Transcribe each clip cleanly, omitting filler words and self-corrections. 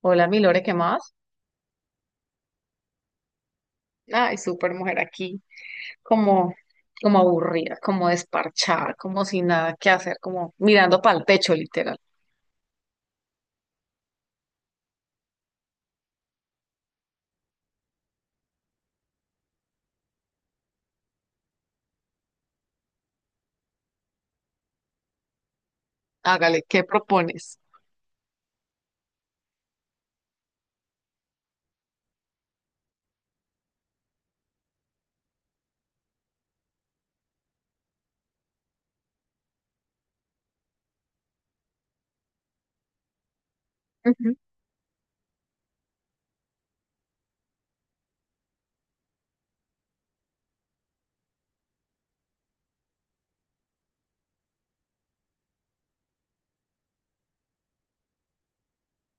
Hola, mi Lore, ¿qué más? Ay, súper mujer aquí, como, como aburrida, como desparchada, como sin nada que hacer, como mirando para el techo, literal. Hágale, ¿qué propones? Ujú.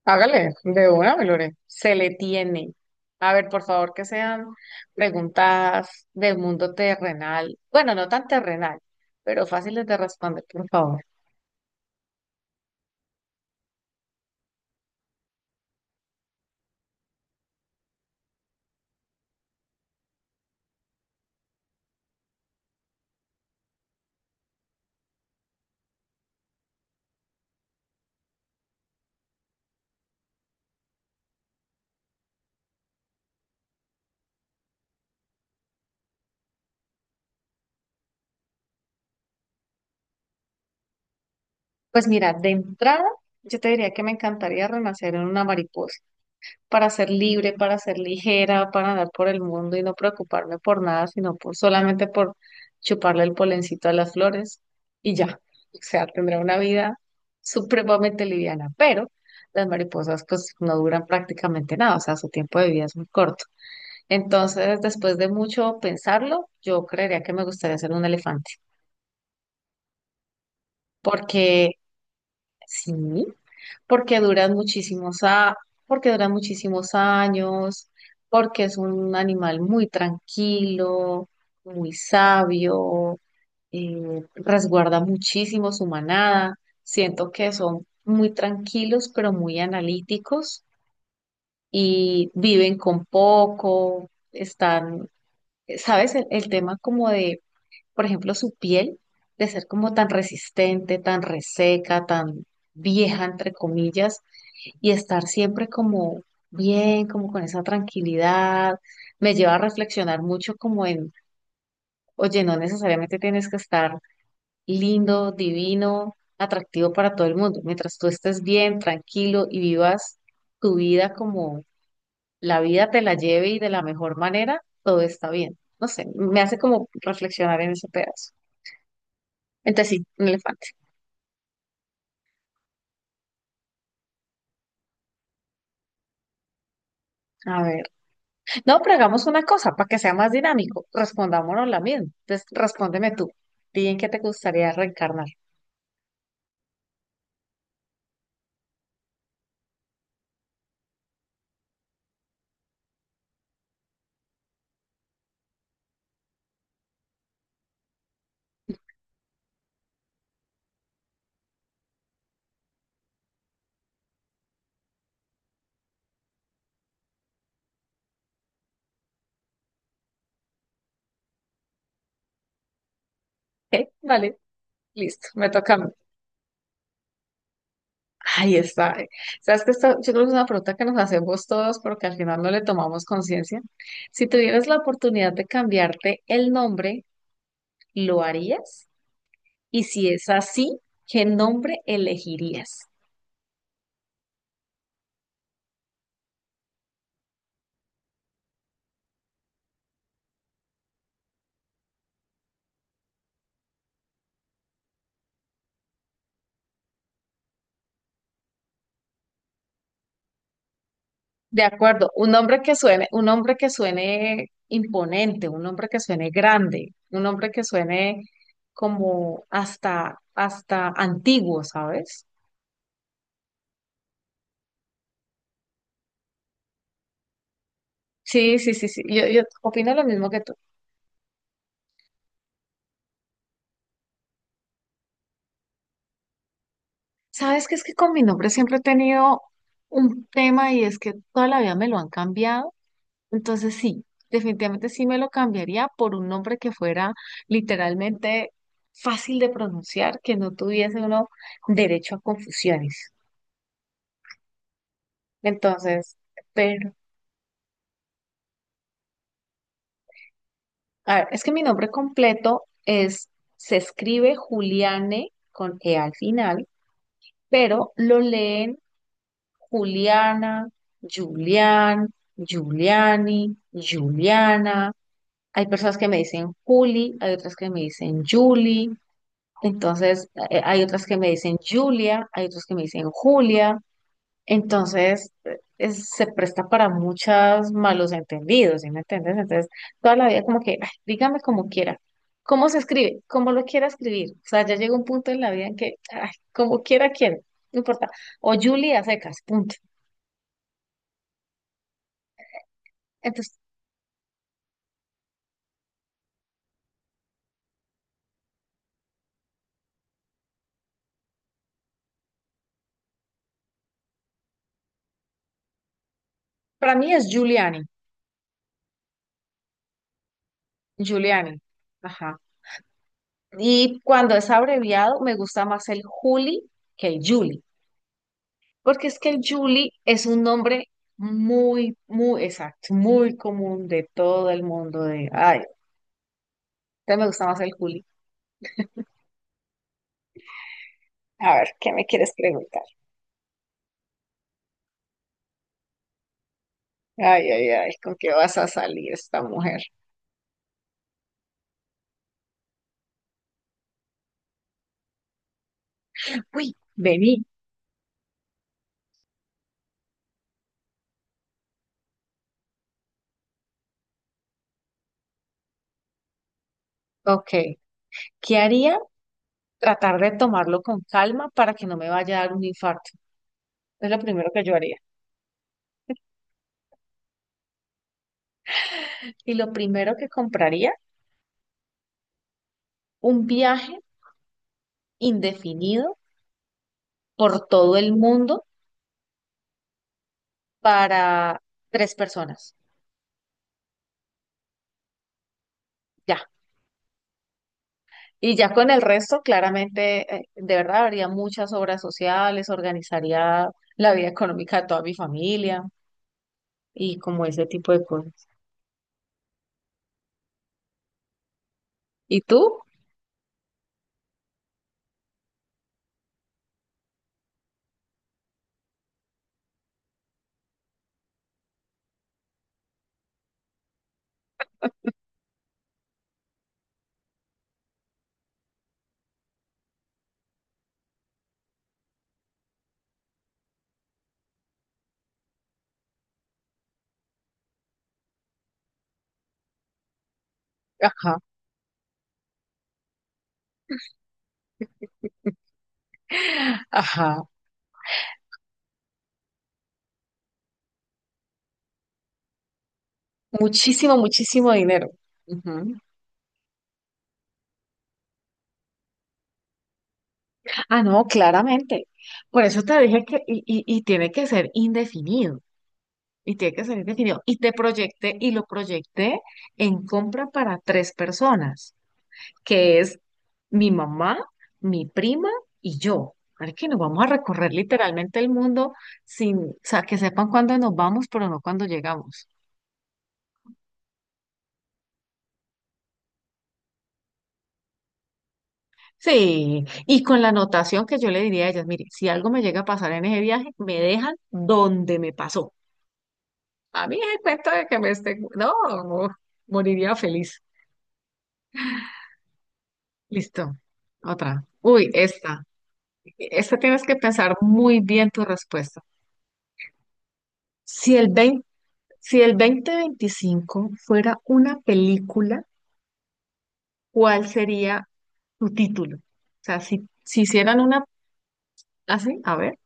Hágale, de una, mi Lore. Se le tiene. A ver, por favor, que sean preguntas del mundo terrenal. Bueno, no tan terrenal, pero fáciles de responder, por favor. Pues mira, de entrada, yo te diría que me encantaría renacer en una mariposa, para ser libre, para ser ligera, para andar por el mundo y no preocuparme por nada, sino por, solamente por chuparle el polencito a las flores y ya. O sea, tendrá una vida supremamente liviana, pero las mariposas pues no duran prácticamente nada, o sea, su tiempo de vida es muy corto. Entonces, después de mucho pensarlo, yo creería que me gustaría ser un elefante, porque sí. porque duran muchísimos a, porque duran muchísimos años, porque es un animal muy tranquilo, muy sabio, resguarda muchísimo su manada. Siento que son muy tranquilos, pero muy analíticos y viven con poco, están, ¿sabes? El tema como de, por ejemplo, su piel, de ser como tan resistente, tan reseca, tan vieja, entre comillas y estar siempre como bien, como con esa tranquilidad, me lleva a reflexionar mucho como en, oye, no necesariamente tienes que estar lindo, divino, atractivo para todo el mundo. Mientras tú estés bien, tranquilo y vivas tu vida como la vida te la lleve y de la mejor manera, todo está bien. No sé, me hace como reflexionar en ese pedazo. Entonces sí, un elefante. A ver. No, pero hagamos una cosa para que sea más dinámico. Respondámonos la misma. Entonces, respóndeme tú. Di en qué te gustaría reencarnar. ¿Ok? Vale, listo. Me toca a mí. Ahí está. Sabes que esta, yo creo que es una pregunta que nos hacemos todos porque al final no le tomamos conciencia. Si tuvieras la oportunidad de cambiarte el nombre, ¿lo harías? Y si es así, ¿qué nombre elegirías? De acuerdo, un hombre que suene, un hombre que suene imponente, un hombre que suene grande, un hombre que suene como hasta antiguo, ¿sabes? Sí, sí, sí, sí. Yo opino lo mismo que tú. Sabes que es que con mi nombre siempre he tenido un tema y es que toda la vida me lo han cambiado. Entonces sí, definitivamente sí me lo cambiaría por un nombre que fuera literalmente fácil de pronunciar, que no tuviese uno derecho a confusiones. Entonces, pero, a ver, es que mi nombre completo es, se escribe Juliane con E al final, pero lo leen Juliana, Julián, Juliani, Juliana. Hay personas que me dicen Juli, hay otras que me dicen Juli, entonces hay otras que me dicen Julia, hay otras que me dicen Julia. Entonces, se presta para muchos malos entendidos, ¿sí me entiendes? Entonces, toda la vida como que, "Ay, dígame como quiera, cómo se escribe, cómo lo quiera escribir. O sea, ya llega un punto en la vida en que, ay, como quiera, quiero, no importa. O Julia secas, punto. Entonces, para mí es Giuliani, Giuliani, ajá. Y cuando es abreviado, me gusta más el Juli que el Juli. Porque es que el Julie es un nombre muy, muy exacto, muy común de todo el mundo. De, ay, te me gusta más el Juli. Ay, ay, ay, ¿con qué vas a salir esta mujer? Uy, vení. Ok. ¿Qué haría? Tratar de tomarlo con calma para que no me vaya a dar un infarto. Es lo primero que yo haría. Y lo primero que compraría, un viaje indefinido por todo el mundo para tres personas. Ya. Y ya con el resto, claramente, de verdad, haría muchas obras sociales, organizaría la vida económica de toda mi familia y como ese tipo de cosas. ¿Y tú? Ajá, ajá. Muchísimo, muchísimo dinero. Ujú. Ah, no, claramente. Por eso te dije que, y tiene que ser indefinido, y tiene que ser indefinido. Y te proyecté, y lo proyecté en compra para tres personas, que es mi mamá, mi prima y yo. Ahora que nos vamos a recorrer literalmente el mundo sin, o sea, que sepan cuándo nos vamos, pero no cuándo llegamos. Sí, y con la anotación que yo le diría a ellas, mire, si algo me llega a pasar en ese viaje, me dejan donde me pasó. A mí el cuento de que me esté, no, moriría feliz. Listo, otra. Uy, esta. Esta tienes que pensar muy bien tu respuesta. Si el Si el 2025 fuera una película, ¿cuál sería su título? O sea, si hicieran una así, a ver,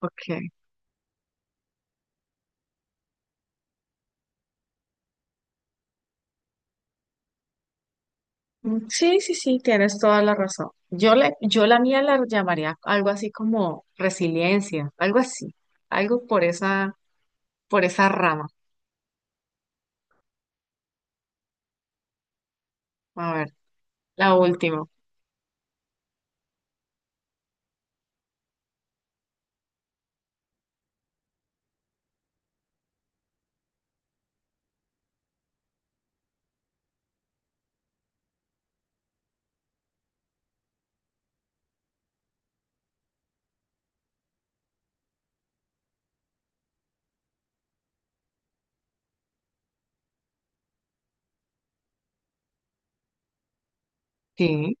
ok. Mm, sí, sí, sí, tienes toda la razón. Yo la mía la llamaría algo así como resiliencia, algo así, algo por esa rama. A ver, la última. Sí,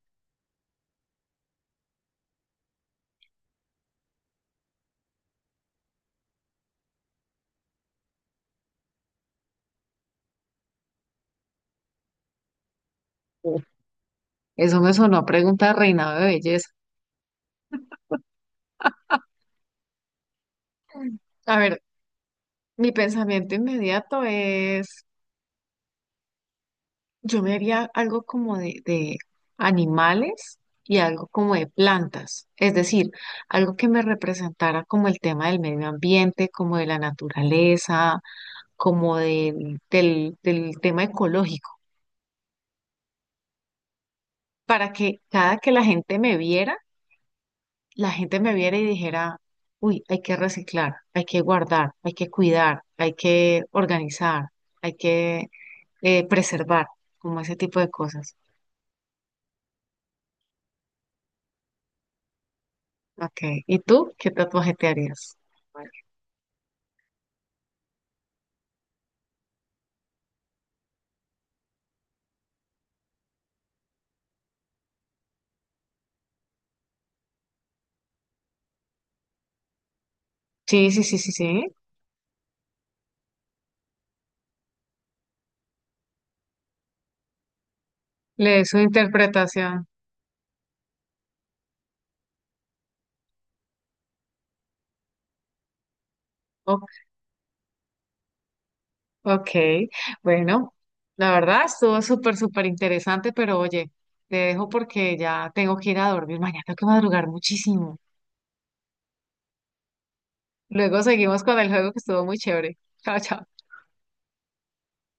uf, eso me sonó a pregunta de reinado de belleza. A ver, mi pensamiento inmediato es, yo me haría algo como de animales y algo como de plantas, es decir, algo que me representara como el tema del medio ambiente, como de la naturaleza, como del tema ecológico, para que cada que la gente me viera, la gente me viera y dijera, uy, hay que reciclar, hay que guardar, hay que cuidar, hay que organizar, hay que preservar, como ese tipo de cosas. Ok, ¿y tú qué tatuaje te harías? Sí, sí, sí, sí, sí. Le doy su interpretación. O- ok, bueno, la verdad estuvo súper, súper interesante, pero oye, te dejo porque ya tengo que ir a dormir. Mañana tengo que madrugar muchísimo. Luego seguimos con el juego que estuvo muy chévere. Chao, chao.